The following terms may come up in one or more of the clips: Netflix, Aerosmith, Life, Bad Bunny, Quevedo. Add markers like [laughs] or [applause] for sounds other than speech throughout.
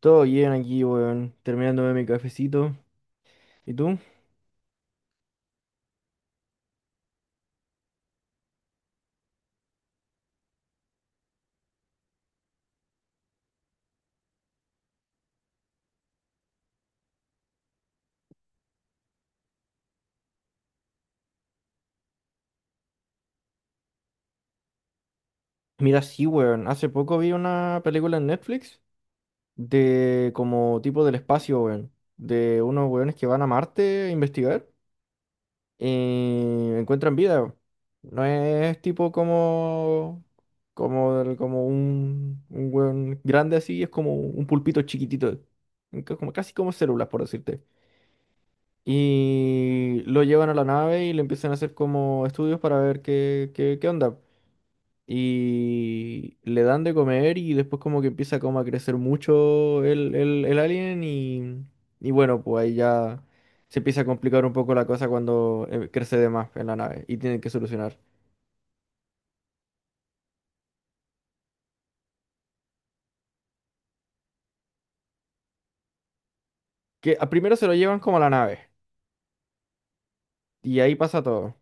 Todo bien aquí, weón. Terminándome mi cafecito. ¿Y tú? Mira, sí, weón. Hace poco vi una película en Netflix de como tipo del espacio, weón. De unos weones que van a Marte a investigar y encuentran vida. Weón. No es tipo como... Como, del- como un weón grande así, es como un pulpito chiquitito. Como, casi como células, por decirte. Y lo llevan a la nave y le empiezan a hacer como estudios para ver qué, qué onda. Y le dan de comer y después como que empieza como a crecer mucho el alien y bueno, pues ahí ya se empieza a complicar un poco la cosa cuando crece de más en la nave y tienen que solucionar. Que a- primero se lo llevan como a la nave y ahí pasa todo.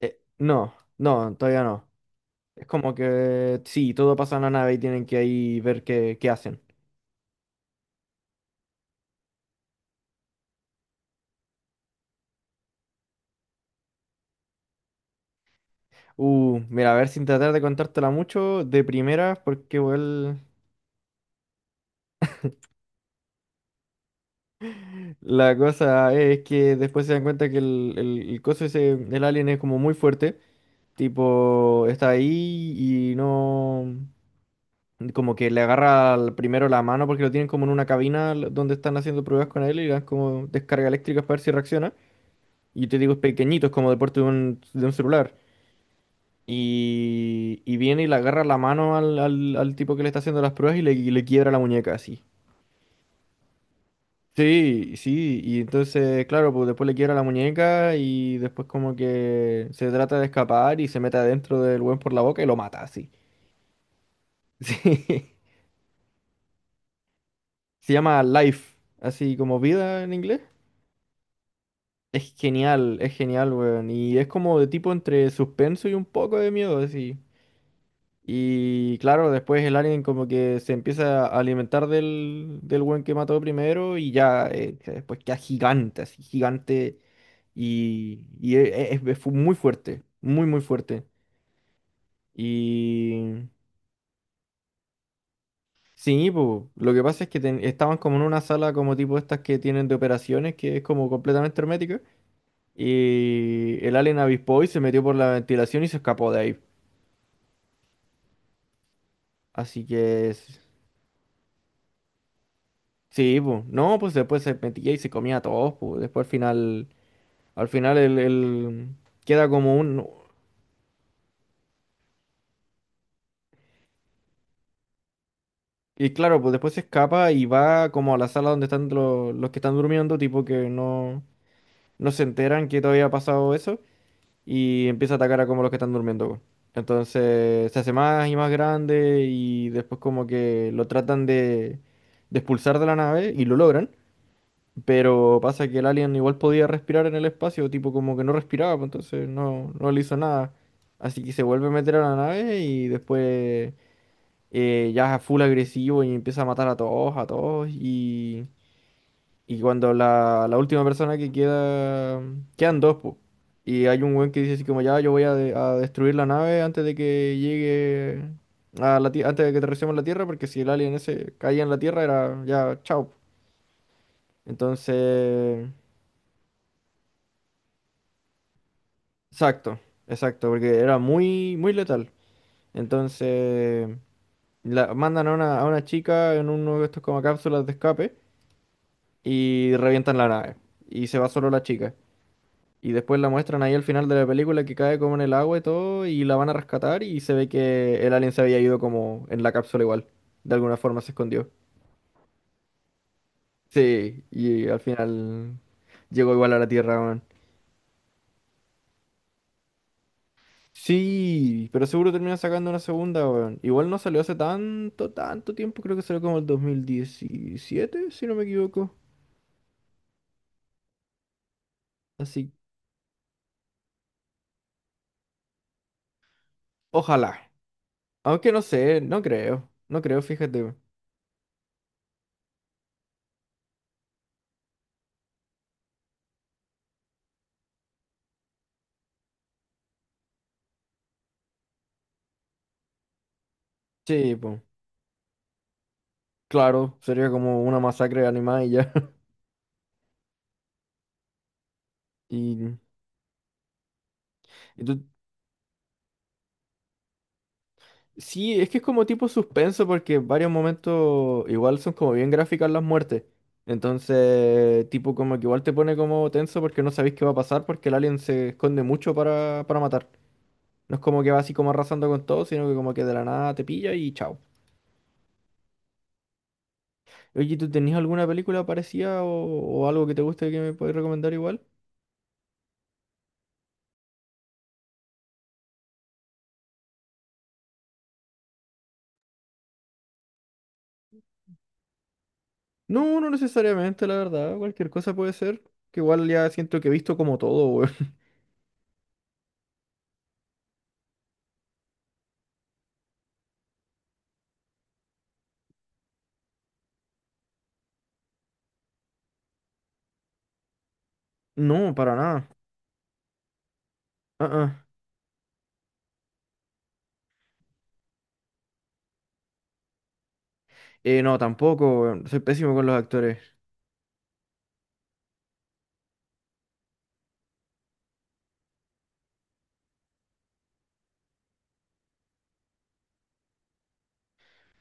No, no, todavía no. Es como que sí, todo pasa en la nave y tienen que ahí ver qué, qué hacen. Mira, a ver sin tratar de contártela mucho de primeras porque igual. La cosa es que después se dan cuenta que el coso ese, el alien es como muy fuerte, tipo, está ahí y no, como que le agarra al- primero la mano porque lo tienen como en una cabina l- donde están haciendo pruebas con él y le dan como descarga eléctrica para ver si reacciona. Y te digo, es pequeñito, es como de porte de un celular. Y viene y le agarra la mano al, al tipo que le está haciendo las pruebas y le quiebra la muñeca así. Sí, sí, y entonces, claro, pues después le quiebra la muñeca y después como que se trata de escapar y se mete adentro del buen por la boca y lo mata, así. [laughs] Sí. Se llama Life, así como vida en inglés. Es genial, weón. Y es como de tipo entre suspenso y un poco de miedo, así. Y claro, después el alien como que se empieza a alimentar del, del weón que mató primero y ya, después queda gigante, así, gigante. Y es, fu- muy fuerte, muy, muy fuerte. Y sí, po, lo que pasa es que ten- estaban como en una sala como tipo estas que tienen de operaciones, que es como completamente hermética. Y el alien avispó y se metió por la ventilación y se escapó de ahí. Así que s- sí, pues. No, pues después se metía y se comía a todos, pues. Después al final el- queda como un... Y claro, pues después se escapa y va como a la sala donde están los que están durmiendo, tipo que no... no se enteran que todavía ha pasado eso y empieza a atacar a como los que están durmiendo, po. Entonces se hace más y más grande y después como que lo tratan de expulsar de la nave y lo logran, pero pasa que el alien igual podía respirar en el espacio, tipo como que no respiraba, pues entonces no, no le hizo nada. Así que se vuelve a meter a la nave y después ya es full agresivo y empieza a matar a todos y... Y cuando la última persona que queda, quedan dos, po. Y hay un weón que dice así como, ya, yo voy a, de- a destruir la nave antes de que llegue a la Tierra, antes de que aterricemos en la Tierra, porque si el alien ese caía en la Tierra era ya, chao. Po". Entonces, exacto, exacto, porque era muy, muy letal. Entonces, la, mandan a una chica en uno de estos como cápsulas de escape y revientan la nave. Y se va solo la chica. Y después la muestran ahí al final de la película que cae como en el agua y todo, y la van a rescatar y se ve que el alien se había ido como en la cápsula igual. De alguna forma se escondió. Sí, y al final llegó igual a la Tierra, weón. Sí, pero seguro termina sacando una segunda, weón. Igual no salió hace tanto, tanto tiempo, creo que salió como el 2017 si no me equivoco. Así, ojalá. Aunque no sé, no creo. No creo, fíjate, weón. Sí, pues, claro, sería como una masacre animal y ya. [laughs] Y entonces, sí, es que es como tipo suspenso porque en varios momentos igual son como bien gráficas las muertes. Entonces, tipo como que igual te pone como tenso porque no sabéis qué va a pasar porque el alien se esconde mucho para matar. No es como que va así como arrasando con todo, sino que como que de la nada te pilla y chao. Oye, ¿tú tenías alguna película parecida o algo que te guste que me puedes recomendar igual? No, no necesariamente, la verdad. Cualquier cosa puede ser. Que igual ya siento que he visto como todo, weón. [laughs] No, para nada. Ah, ah. No, tampoco, weón. Soy pésimo con los actores.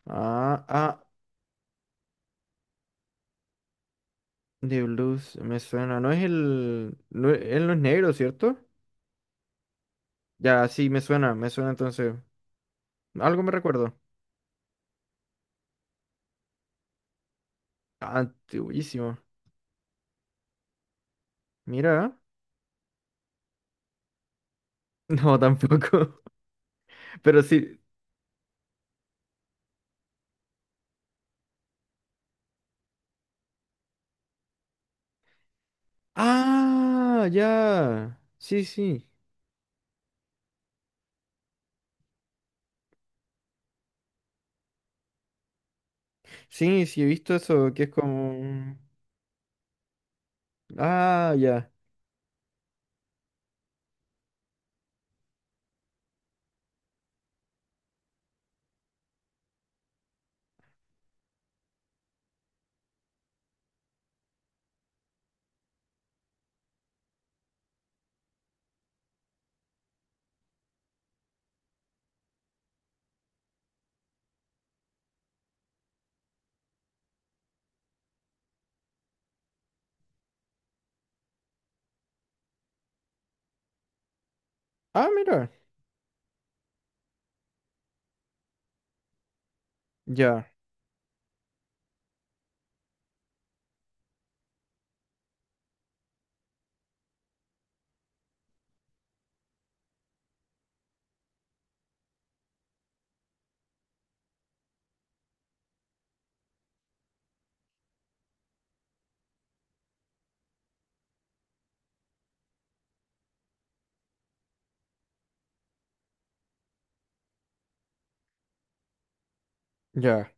Ah, ah, The Blues, me suena. No es el... no es- él no es negro, ¿cierto? Ya, sí, me suena entonces. Algo me recuerdo. Ah, antiguísimo. Mira. No, tampoco. [laughs] Pero sí. Ah, ya. Sí, sí. Sí, sí, he visto eso, que es como... Ah, ya. Ah, mira. Ya, ya,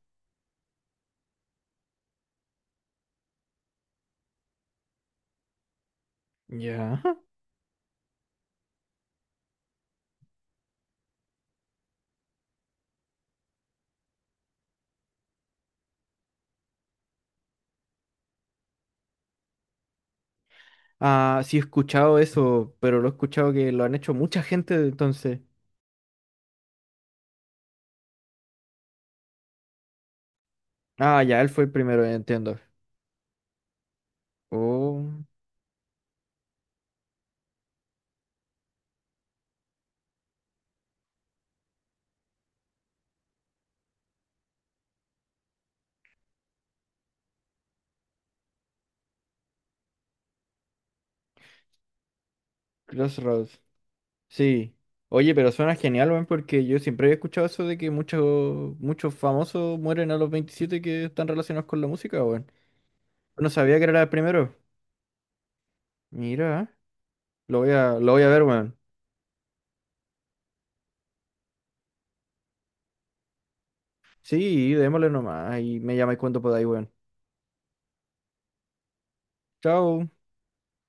ya. Ah, sí he escuchado eso, pero lo he escuchado que lo han hecho mucha gente entonces. Ah, ya, él fue el primero, ya entiendo. Oh, Crossroads. Sí. Oye, pero suena genial, weón, porque yo siempre había escuchado eso de que muchos famosos mueren a los 27 que están relacionados con la música, weón. No sabía que era el primero. Mira, lo voy a ver, weón. Sí, démosle nomás y me llamáis cuando podáis, weón. Chao.